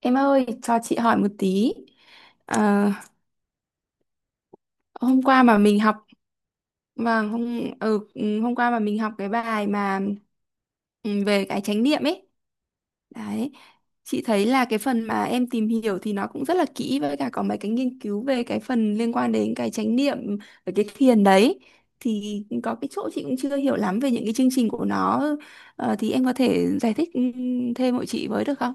Em ơi, cho chị hỏi một tí. À, hôm qua mà mình học và hôm ừ, ừ, hôm qua mà mình học cái bài mà ừ, về cái chánh niệm ấy. Đấy. Chị thấy là cái phần mà em tìm hiểu thì nó cũng rất là kỹ, với cả có mấy cái nghiên cứu về cái phần liên quan đến cái chánh niệm và cái thiền đấy. Thì có cái chỗ chị cũng chưa hiểu lắm về những cái chương trình của nó. Thì em có thể giải thích thêm hộ chị với được không?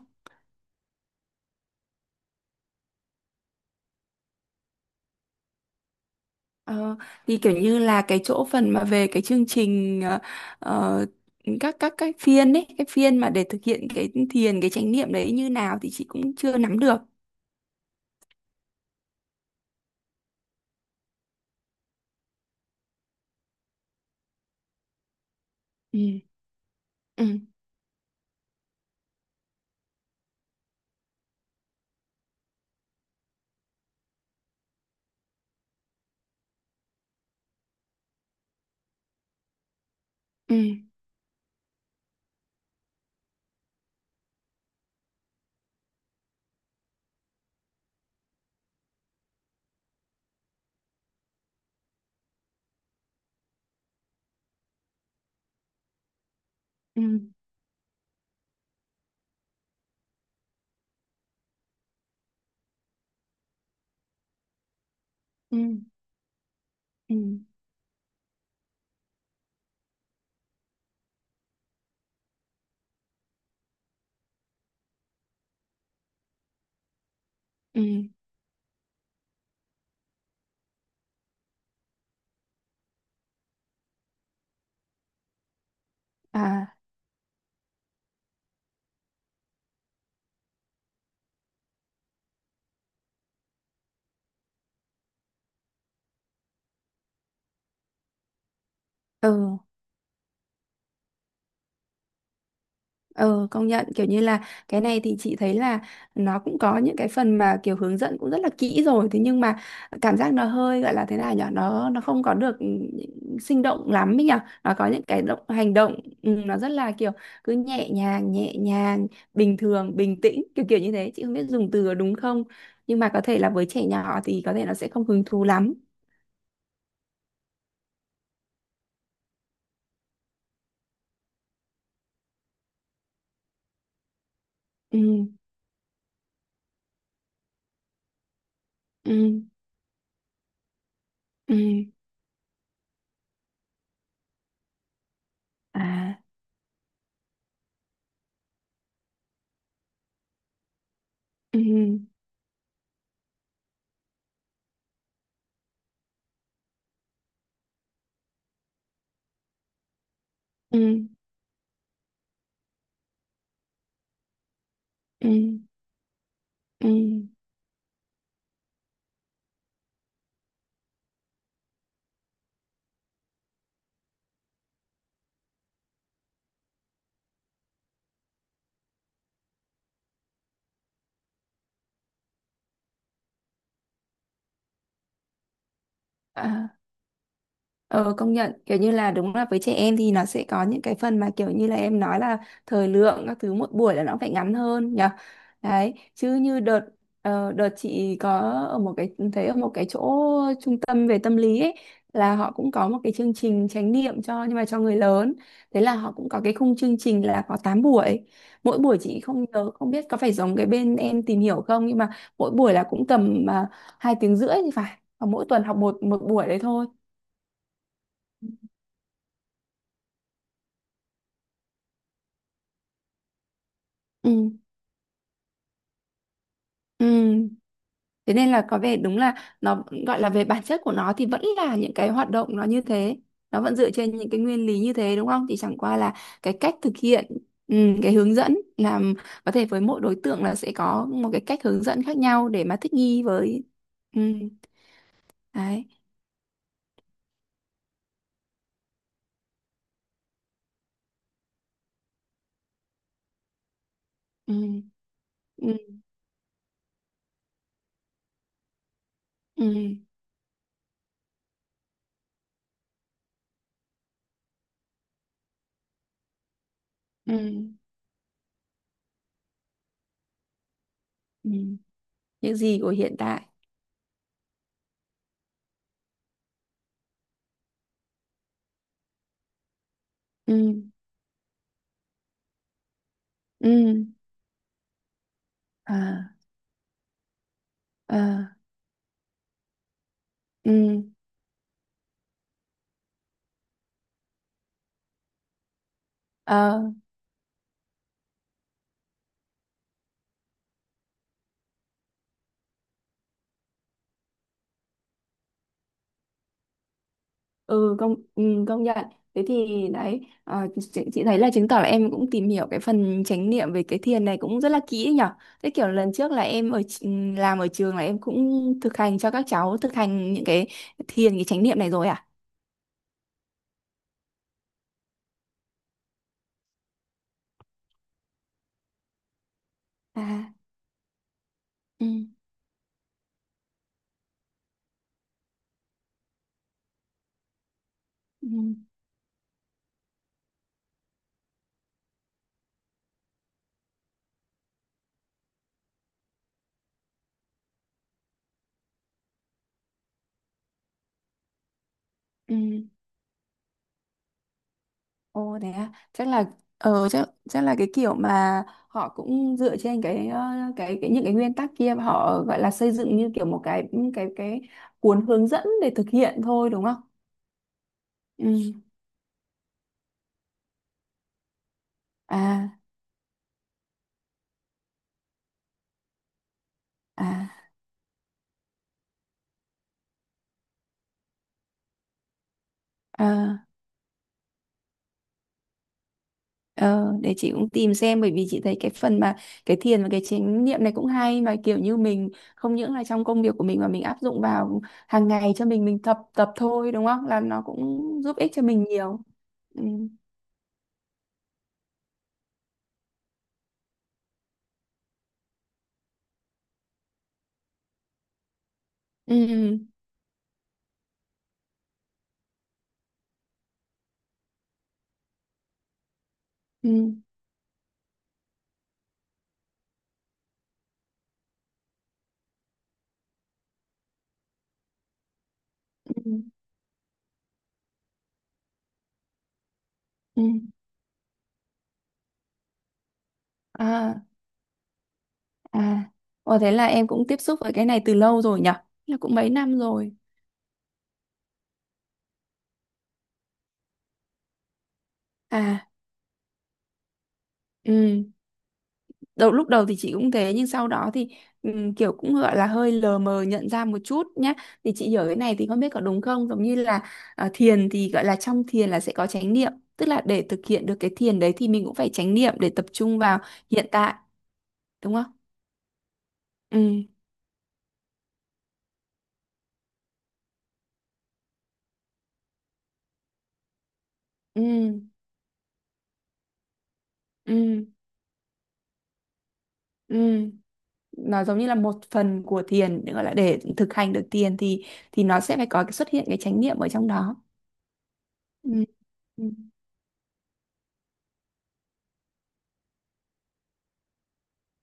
Ờ, thì kiểu như là cái chỗ phần mà về cái chương trình ờ, các phiên ấy, cái phiên mà để thực hiện cái thiền cái chánh niệm đấy như nào thì chị cũng chưa nắm được. Ừ. Ừ. Ừ. Ừ. Ừ. Ừ. Ừ. À. Ừ. Ừ, công nhận kiểu như là cái này thì chị thấy là nó cũng có những cái phần mà kiểu hướng dẫn cũng rất là kỹ rồi, thế nhưng mà cảm giác nó hơi gọi là thế nào nhở, nó không có được sinh động lắm ấy nhở, nó có những cái động hành động. Nó rất là kiểu cứ nhẹ nhàng nhẹ nhàng, bình thường bình tĩnh, kiểu kiểu như thế, chị không biết dùng từ có đúng không, nhưng mà có thể là với trẻ nhỏ thì có thể nó sẽ không hứng thú lắm. Ừ. Ừ. Ừ. À. Ừ. Ừ. Ừ. Ừ. Ừ. À. Ờ công nhận kiểu như là đúng là với trẻ em thì nó sẽ có những cái phần mà kiểu như là em nói là thời lượng các thứ một buổi là nó phải ngắn hơn nhỉ, đấy chứ như đợt chị có, ở một cái thấy ở một cái chỗ trung tâm về tâm lý ấy, là họ cũng có một cái chương trình chánh niệm cho, nhưng mà cho người lớn. Thế là họ cũng có cái khung chương trình là có 8 buổi, mỗi buổi chị không nhớ, không biết có phải giống cái bên em tìm hiểu không, nhưng mà mỗi buổi là cũng tầm 2 tiếng rưỡi thì phải, và mỗi tuần học một một buổi đấy thôi. Ừ. Ừ. Thế nên là có vẻ đúng là nó gọi là về bản chất của nó thì vẫn là những cái hoạt động nó như thế. Nó vẫn dựa trên những cái nguyên lý như thế đúng không? Thì chẳng qua là cái cách thực hiện, ừ, cái hướng dẫn làm có thể với mỗi đối tượng là sẽ có một cái cách hướng dẫn khác nhau để mà thích nghi với ừ. Đấy. Ừ. Ừ. Ừ. Ừ. Ừ. Những gì của hiện tại. Ừ. Ừ. À. À. Ừ. Ờ. Công nhận, thế thì đấy, chị thấy là chứng tỏ là em cũng tìm hiểu cái phần chánh niệm về cái thiền này cũng rất là kỹ nhở. Thế kiểu lần trước là em làm ở trường, là em cũng thực hành cho các cháu thực hành những cái thiền cái chánh niệm này rồi à. À. Ừ. Ừ. Ừ. Ồ thế à, chắc chắc là cái kiểu mà họ cũng dựa trên cái ờ, cái những cái nguyên tắc kia, mà họ gọi là xây dựng như kiểu một cái cuốn hướng dẫn để thực hiện thôi đúng không. Ừ. À. À. Ờ. ờ để chị cũng tìm xem, bởi vì chị thấy cái phần mà cái thiền và cái chánh niệm này cũng hay, mà kiểu như mình không những là trong công việc của mình mà mình áp dụng vào hàng ngày cho mình tập tập thôi đúng không, là nó cũng giúp ích cho mình nhiều. Ừ. Ừ. Ừ. Ừ. Ừ. À. À. Ồ thế là em cũng tiếp xúc với cái này từ lâu rồi nhở, là cũng mấy năm rồi. À. Ừ. Lúc đầu thì chị cũng thế, nhưng sau đó thì kiểu cũng gọi là hơi lờ mờ nhận ra một chút nhá. Thì chị hiểu cái này thì không biết có đúng không, giống như là à, thiền thì gọi là trong thiền là sẽ có chánh niệm, tức là để thực hiện được cái thiền đấy thì mình cũng phải chánh niệm để tập trung vào hiện tại đúng không. Ừ. Ừ. Ừ. Ừ. Nó giống như là một phần của thiền, gọi là để thực hành được thiền thì nó sẽ phải có cái xuất hiện cái chánh niệm ở trong đó. Ừ. Ừ.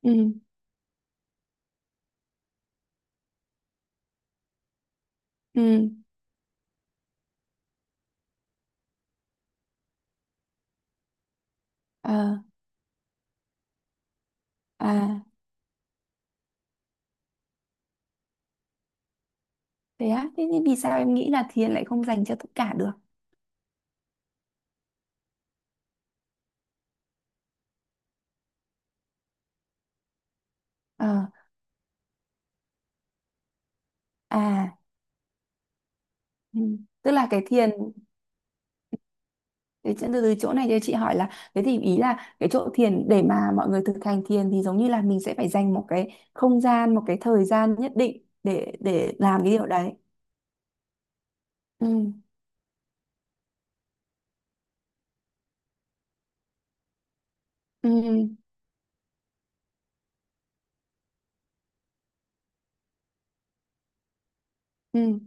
Ừ. Ừ. Ờ. À. Thế á, thế thì vì sao em nghĩ là thiền lại không dành cho tất cả được? Ờ. À. Ừ. Tức là cái thiền, thế chứ từ từ chỗ này cho chị hỏi là, thế thì ý là cái chỗ thiền để mà mọi người thực hành thiền thì giống như là mình sẽ phải dành một cái không gian, một cái thời gian nhất định để làm cái điều đấy. Ừ. Ừ. Ừ.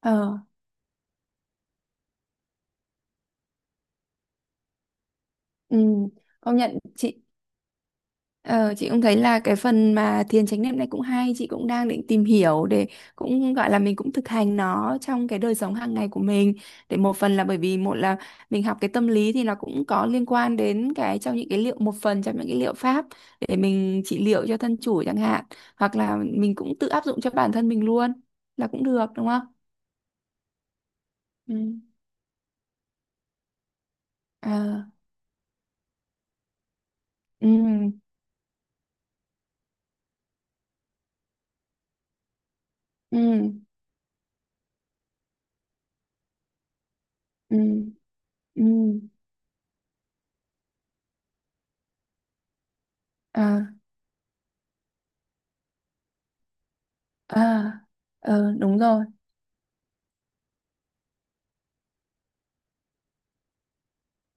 Ờ. Ừ. Công nhận chị. Ờ, chị cũng thấy là cái phần mà thiền chánh niệm này cũng hay, chị cũng đang định tìm hiểu, để cũng gọi là mình cũng thực hành nó trong cái đời sống hàng ngày của mình, để một phần là bởi vì một là mình học cái tâm lý thì nó cũng có liên quan đến cái trong những cái liệu một phần trong những cái liệu pháp để mình trị liệu cho thân chủ chẳng hạn, hoặc là mình cũng tự áp dụng cho bản thân mình luôn là cũng được đúng không? Ừ. Ờ. Ừ. Ừ. Ừ. Ừ. Ờ. Ờ. Ờ, đúng rồi.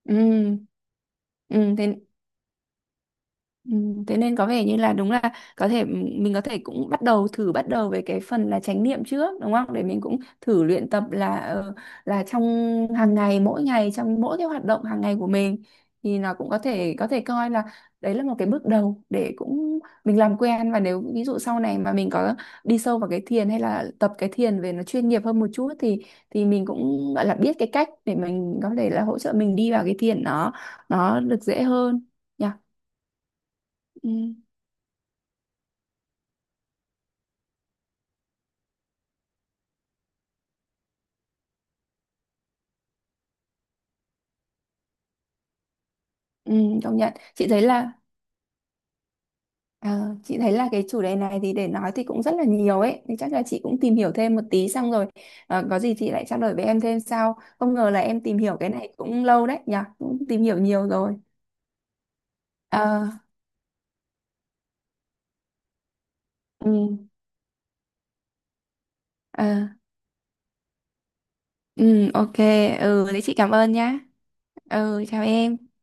Ừ. Ừ, thế Ừ, thế nên có vẻ như là đúng là có thể mình có thể cũng bắt đầu thử bắt đầu với cái phần là chánh niệm trước đúng không, để mình cũng thử luyện tập là là trong hàng ngày, mỗi ngày trong mỗi cái hoạt động hàng ngày của mình, thì nó cũng có thể coi là đấy là một cái bước đầu để cũng mình làm quen, và nếu ví dụ sau này mà mình có đi sâu vào cái thiền hay là tập cái thiền về nó chuyên nghiệp hơn một chút, thì mình cũng gọi là biết cái cách để mình có thể là hỗ trợ mình đi vào cái thiền nó được dễ hơn nhỉ. Ừ. Ừ, công nhận chị thấy là cái chủ đề này thì để nói thì cũng rất là nhiều ấy, thì chắc là chị cũng tìm hiểu thêm một tí xong rồi, có gì chị lại trao đổi với em thêm sau, không ngờ là em tìm hiểu cái này cũng lâu đấy nhỉ, cũng tìm hiểu nhiều rồi. Ờ. Ừ. Ờ. Ừ, ok. Ừ, thế chị cảm ơn nhá. Ừ, chào em.